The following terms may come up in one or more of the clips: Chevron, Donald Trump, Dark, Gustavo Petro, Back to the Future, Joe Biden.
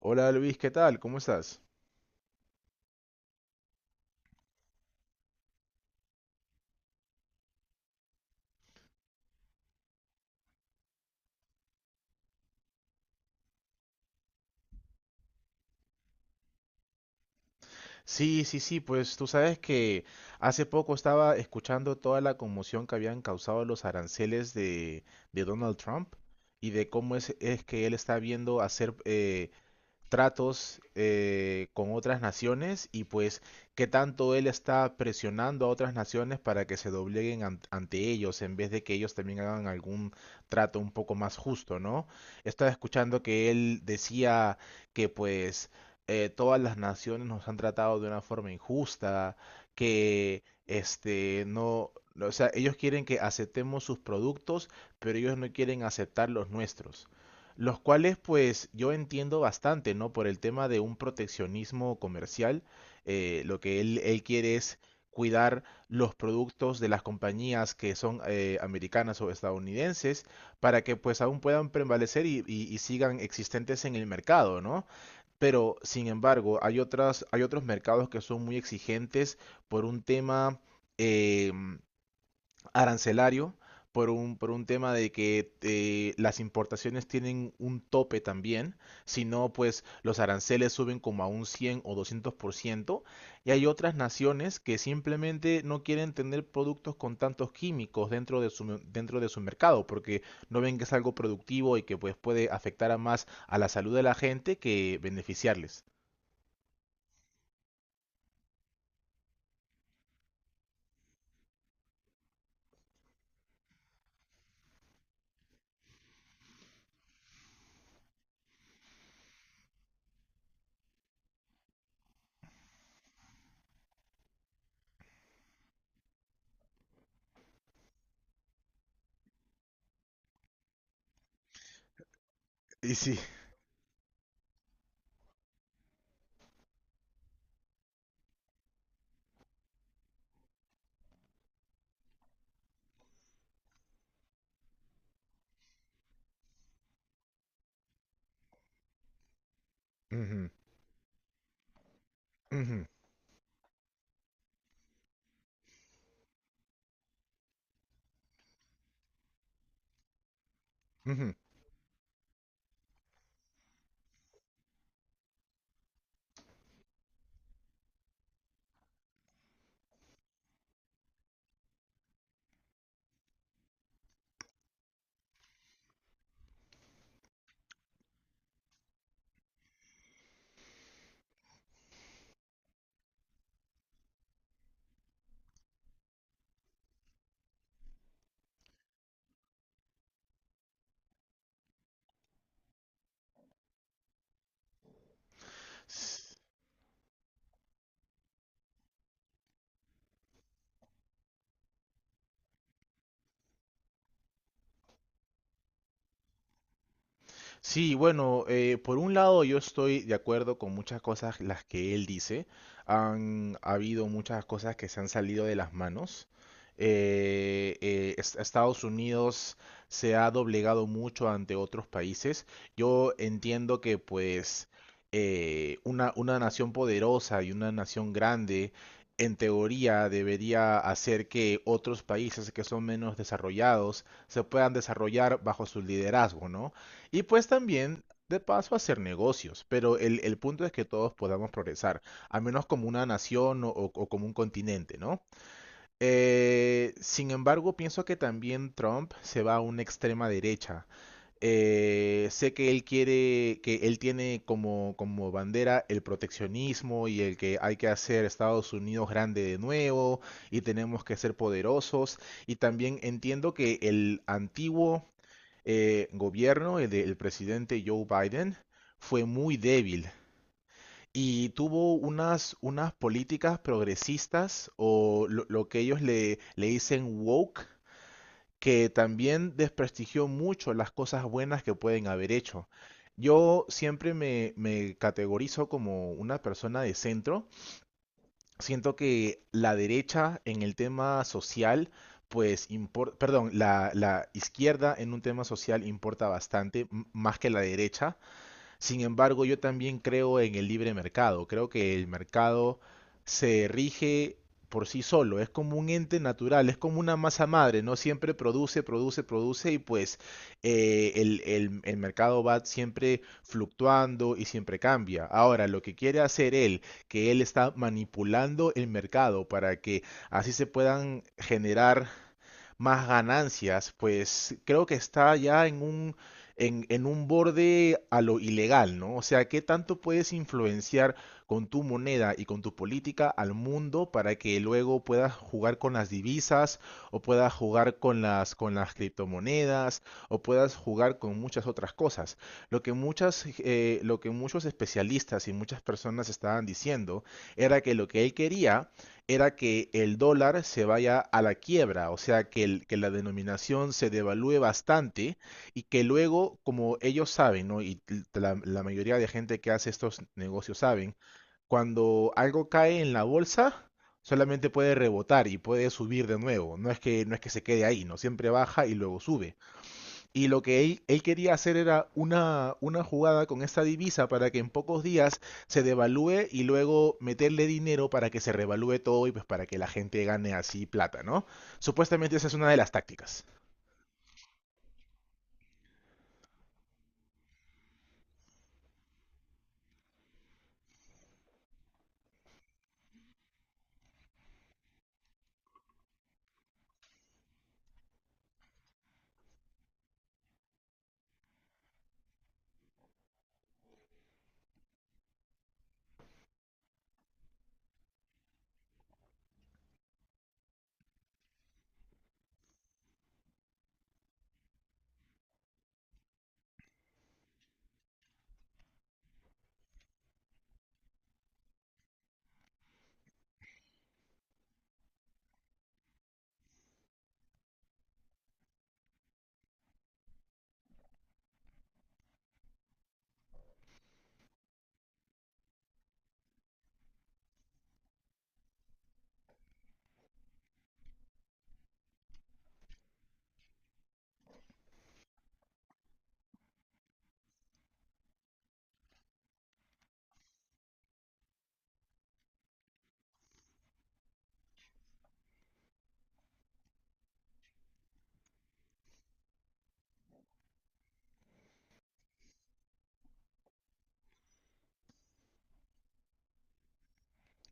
Hola Luis, ¿qué tal? ¿Cómo estás? Sí, sí, sí, pues tú sabes que hace poco estaba escuchando toda la conmoción que habían causado los aranceles de Donald Trump y de cómo es que él está viendo hacer tratos con otras naciones y pues qué tanto él está presionando a otras naciones para que se dobleguen ante ellos en vez de que ellos también hagan algún trato un poco más justo, ¿no? Estaba escuchando que él decía que pues todas las naciones nos han tratado de una forma injusta, que este no, o sea, ellos quieren que aceptemos sus productos, pero ellos no quieren aceptar los nuestros los cuales pues yo entiendo bastante, ¿no? Por el tema de un proteccionismo comercial, lo que él quiere es cuidar los productos de las compañías que son americanas o estadounidenses para que pues aún puedan prevalecer y sigan existentes en el mercado, ¿no? Pero sin embargo, hay otros mercados que son muy exigentes por un tema, eh, arancelario por un tema de que las importaciones tienen un tope también, si no, pues los aranceles suben como a un 100 o 200% y hay otras naciones que simplemente no quieren tener productos con tantos químicos dentro de su mercado, porque no ven que es algo productivo y que pues puede afectar a más a la salud de la gente que beneficiarles. Y sí. Ujú, ujú, ujú. Sí, bueno, por un lado yo estoy de acuerdo con muchas cosas las que él dice. Han habido muchas cosas que se han salido de las manos. Estados Unidos se ha doblegado mucho ante otros países. Yo entiendo que pues una nación poderosa y una nación grande en teoría debería hacer que otros países que son menos desarrollados se puedan desarrollar bajo su liderazgo, ¿no? Y pues también, de paso, hacer negocios, pero el punto es que todos podamos progresar, al menos como una nación o como un continente, ¿no? Sin embargo, pienso que también Trump se va a una extrema derecha. Sé que que él tiene como, como bandera el proteccionismo y el que hay que hacer Estados Unidos grande de nuevo y tenemos que ser poderosos. Y también entiendo que el antiguo gobierno del presidente Joe Biden fue muy débil y tuvo unas políticas progresistas o lo que ellos le dicen woke, que también desprestigió mucho las cosas buenas que pueden haber hecho. Yo siempre me categorizo como una persona de centro, siento que la derecha en el tema social, pues, perdón, la izquierda en un tema social importa bastante, más que la derecha, sin embargo, yo también creo en el libre mercado. Creo que el mercado se rige por sí solo. Es como un ente natural, es como una masa madre, ¿no? Siempre produce, produce, produce y pues el mercado va siempre fluctuando y siempre cambia. Ahora, lo que quiere hacer él, que él está manipulando el mercado para que así se puedan generar más ganancias, pues creo que está ya en un en un borde a lo ilegal, ¿no? O sea, ¿qué tanto puedes influenciar con tu moneda y con tu política al mundo para que luego puedas jugar con las divisas o puedas jugar con con las criptomonedas o puedas jugar con muchas otras cosas? Lo que muchos especialistas y muchas personas estaban diciendo era que lo que él quería era que el dólar se vaya a la quiebra, o sea, que la denominación se devalúe bastante y que luego, como ellos saben, ¿no? Y la mayoría de gente que hace estos negocios saben, cuando algo cae en la bolsa, solamente puede rebotar y puede subir de nuevo. No es que se quede ahí, ¿no? Siempre baja y luego sube. Y lo que él quería hacer era una jugada con esta divisa para que en pocos días se devalúe y luego meterle dinero para que se revalúe todo y pues para que la gente gane así plata, ¿no? Supuestamente esa es una de las tácticas.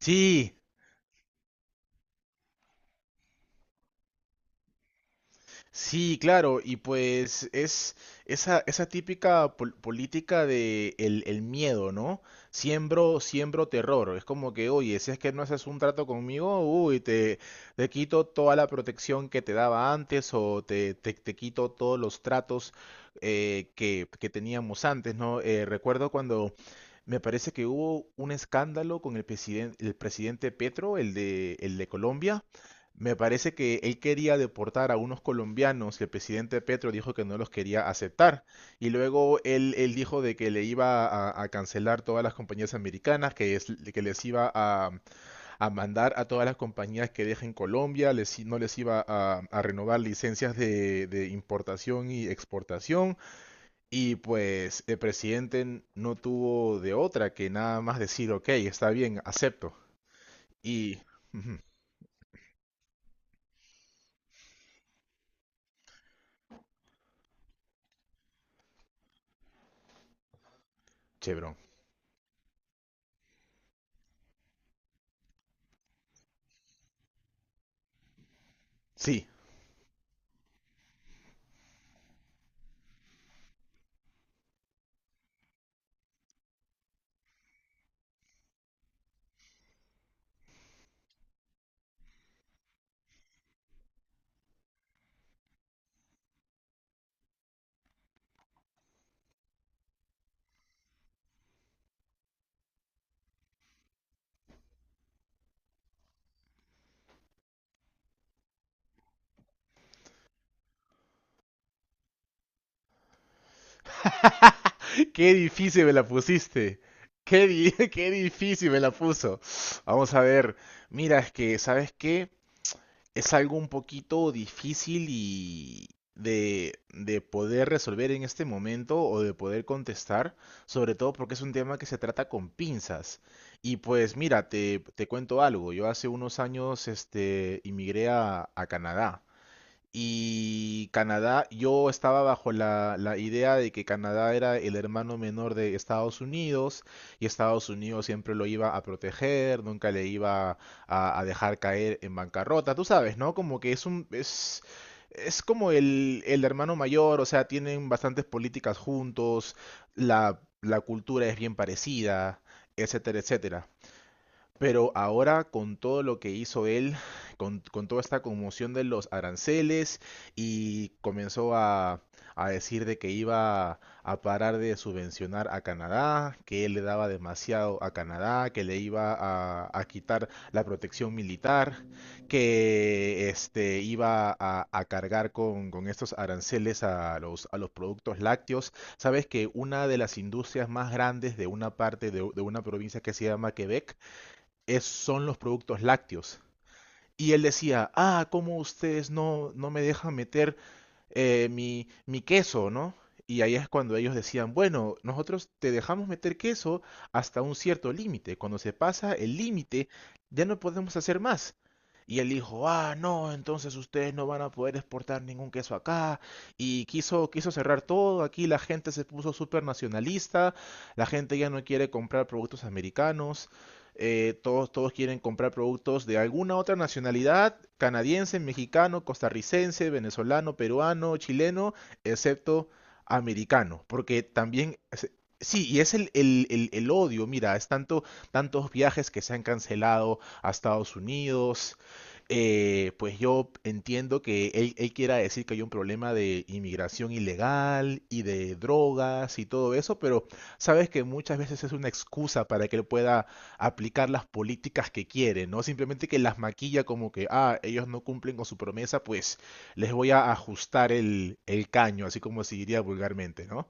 Sí. Sí, claro, y pues es esa típica política de el miedo, ¿no? Siembro, siembro terror. Es como que, oye, si es que no haces un trato conmigo, uy, te quito toda la protección que te daba antes o te quito todos los tratos que teníamos antes, ¿no? Recuerdo cuando me parece que hubo un escándalo con el presidente Petro, el de Colombia me parece que él quería deportar a unos colombianos que el presidente Petro dijo que no los quería aceptar. Y luego él dijo de que le iba a cancelar todas las compañías americanas, que les iba a mandar a todas las compañías que dejen Colombia, no les iba a renovar licencias de importación y exportación. Y pues el presidente no tuvo de otra que nada más decir, ok, está bien, acepto. Y... Ujú. Chevron. Sí. Qué difícil me la pusiste. Qué difícil me la puso. Vamos a ver. Mira, es que, ¿sabes qué? Es algo un poquito difícil y de poder resolver en este momento o de poder contestar, sobre todo porque es un tema que se trata con pinzas. Y pues mira, te cuento algo. Yo hace unos años, este, inmigré a Canadá. Y Canadá, yo estaba bajo la idea de que Canadá era el hermano menor de Estados Unidos y Estados Unidos siempre lo iba a proteger, nunca le iba a dejar caer en bancarrota, tú sabes, ¿no? Como que es un, es como el hermano mayor, o sea, tienen bastantes políticas juntos, la cultura es bien parecida, etcétera, etcétera. Pero ahora con todo lo que hizo él, con toda esta conmoción de los aranceles y comenzó a decir de que iba a parar de subvencionar a Canadá, que él le daba demasiado a Canadá, que le iba a quitar la protección militar, que este, iba a cargar con estos aranceles a a los productos lácteos. Sabes que una de las industrias más grandes de una parte de una provincia que se llama Quebec es, son los productos lácteos. Y él decía, ah, ¿cómo ustedes no me dejan meter mi queso, ¿no? Y ahí es cuando ellos decían, bueno, nosotros te dejamos meter queso hasta un cierto límite. Cuando se pasa el límite, ya no podemos hacer más. Y él dijo, ah, no, entonces ustedes no van a poder exportar ningún queso acá. Y quiso, quiso cerrar todo. Aquí la gente se puso súper nacionalista. La gente ya no quiere comprar productos americanos todos quieren comprar productos de alguna otra nacionalidad, canadiense, mexicano, costarricense, venezolano, peruano, chileno, excepto americano, porque también es- Sí, y es el odio, mira, es tanto, tantos viajes que se han cancelado a Estados Unidos. Pues yo entiendo que él quiera decir que hay un problema de inmigración ilegal y de drogas y todo eso, pero sabes que muchas veces es una excusa para que él pueda aplicar las políticas que quiere, ¿no? Simplemente que las maquilla como que, ah, ellos no cumplen con su promesa, pues les voy a ajustar el caño, así como se diría vulgarmente, ¿no?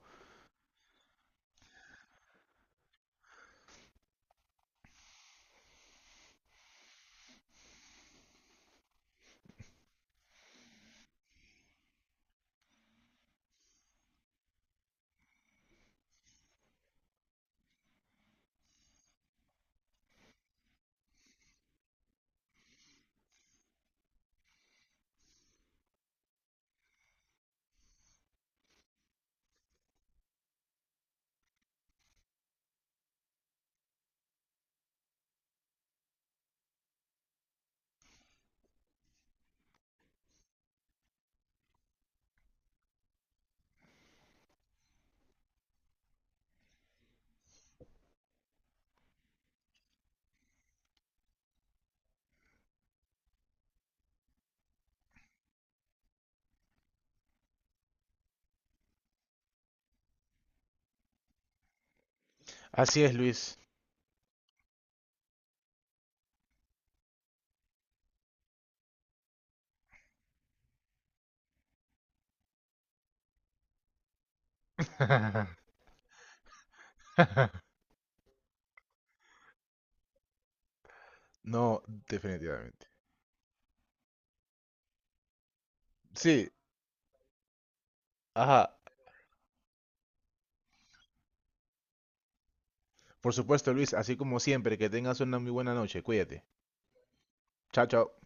Así es, Luis. No, definitivamente. Sí, ajá. Por supuesto, Luis, así como siempre, que tengas una muy buena noche. Cuídate. Chao, chao.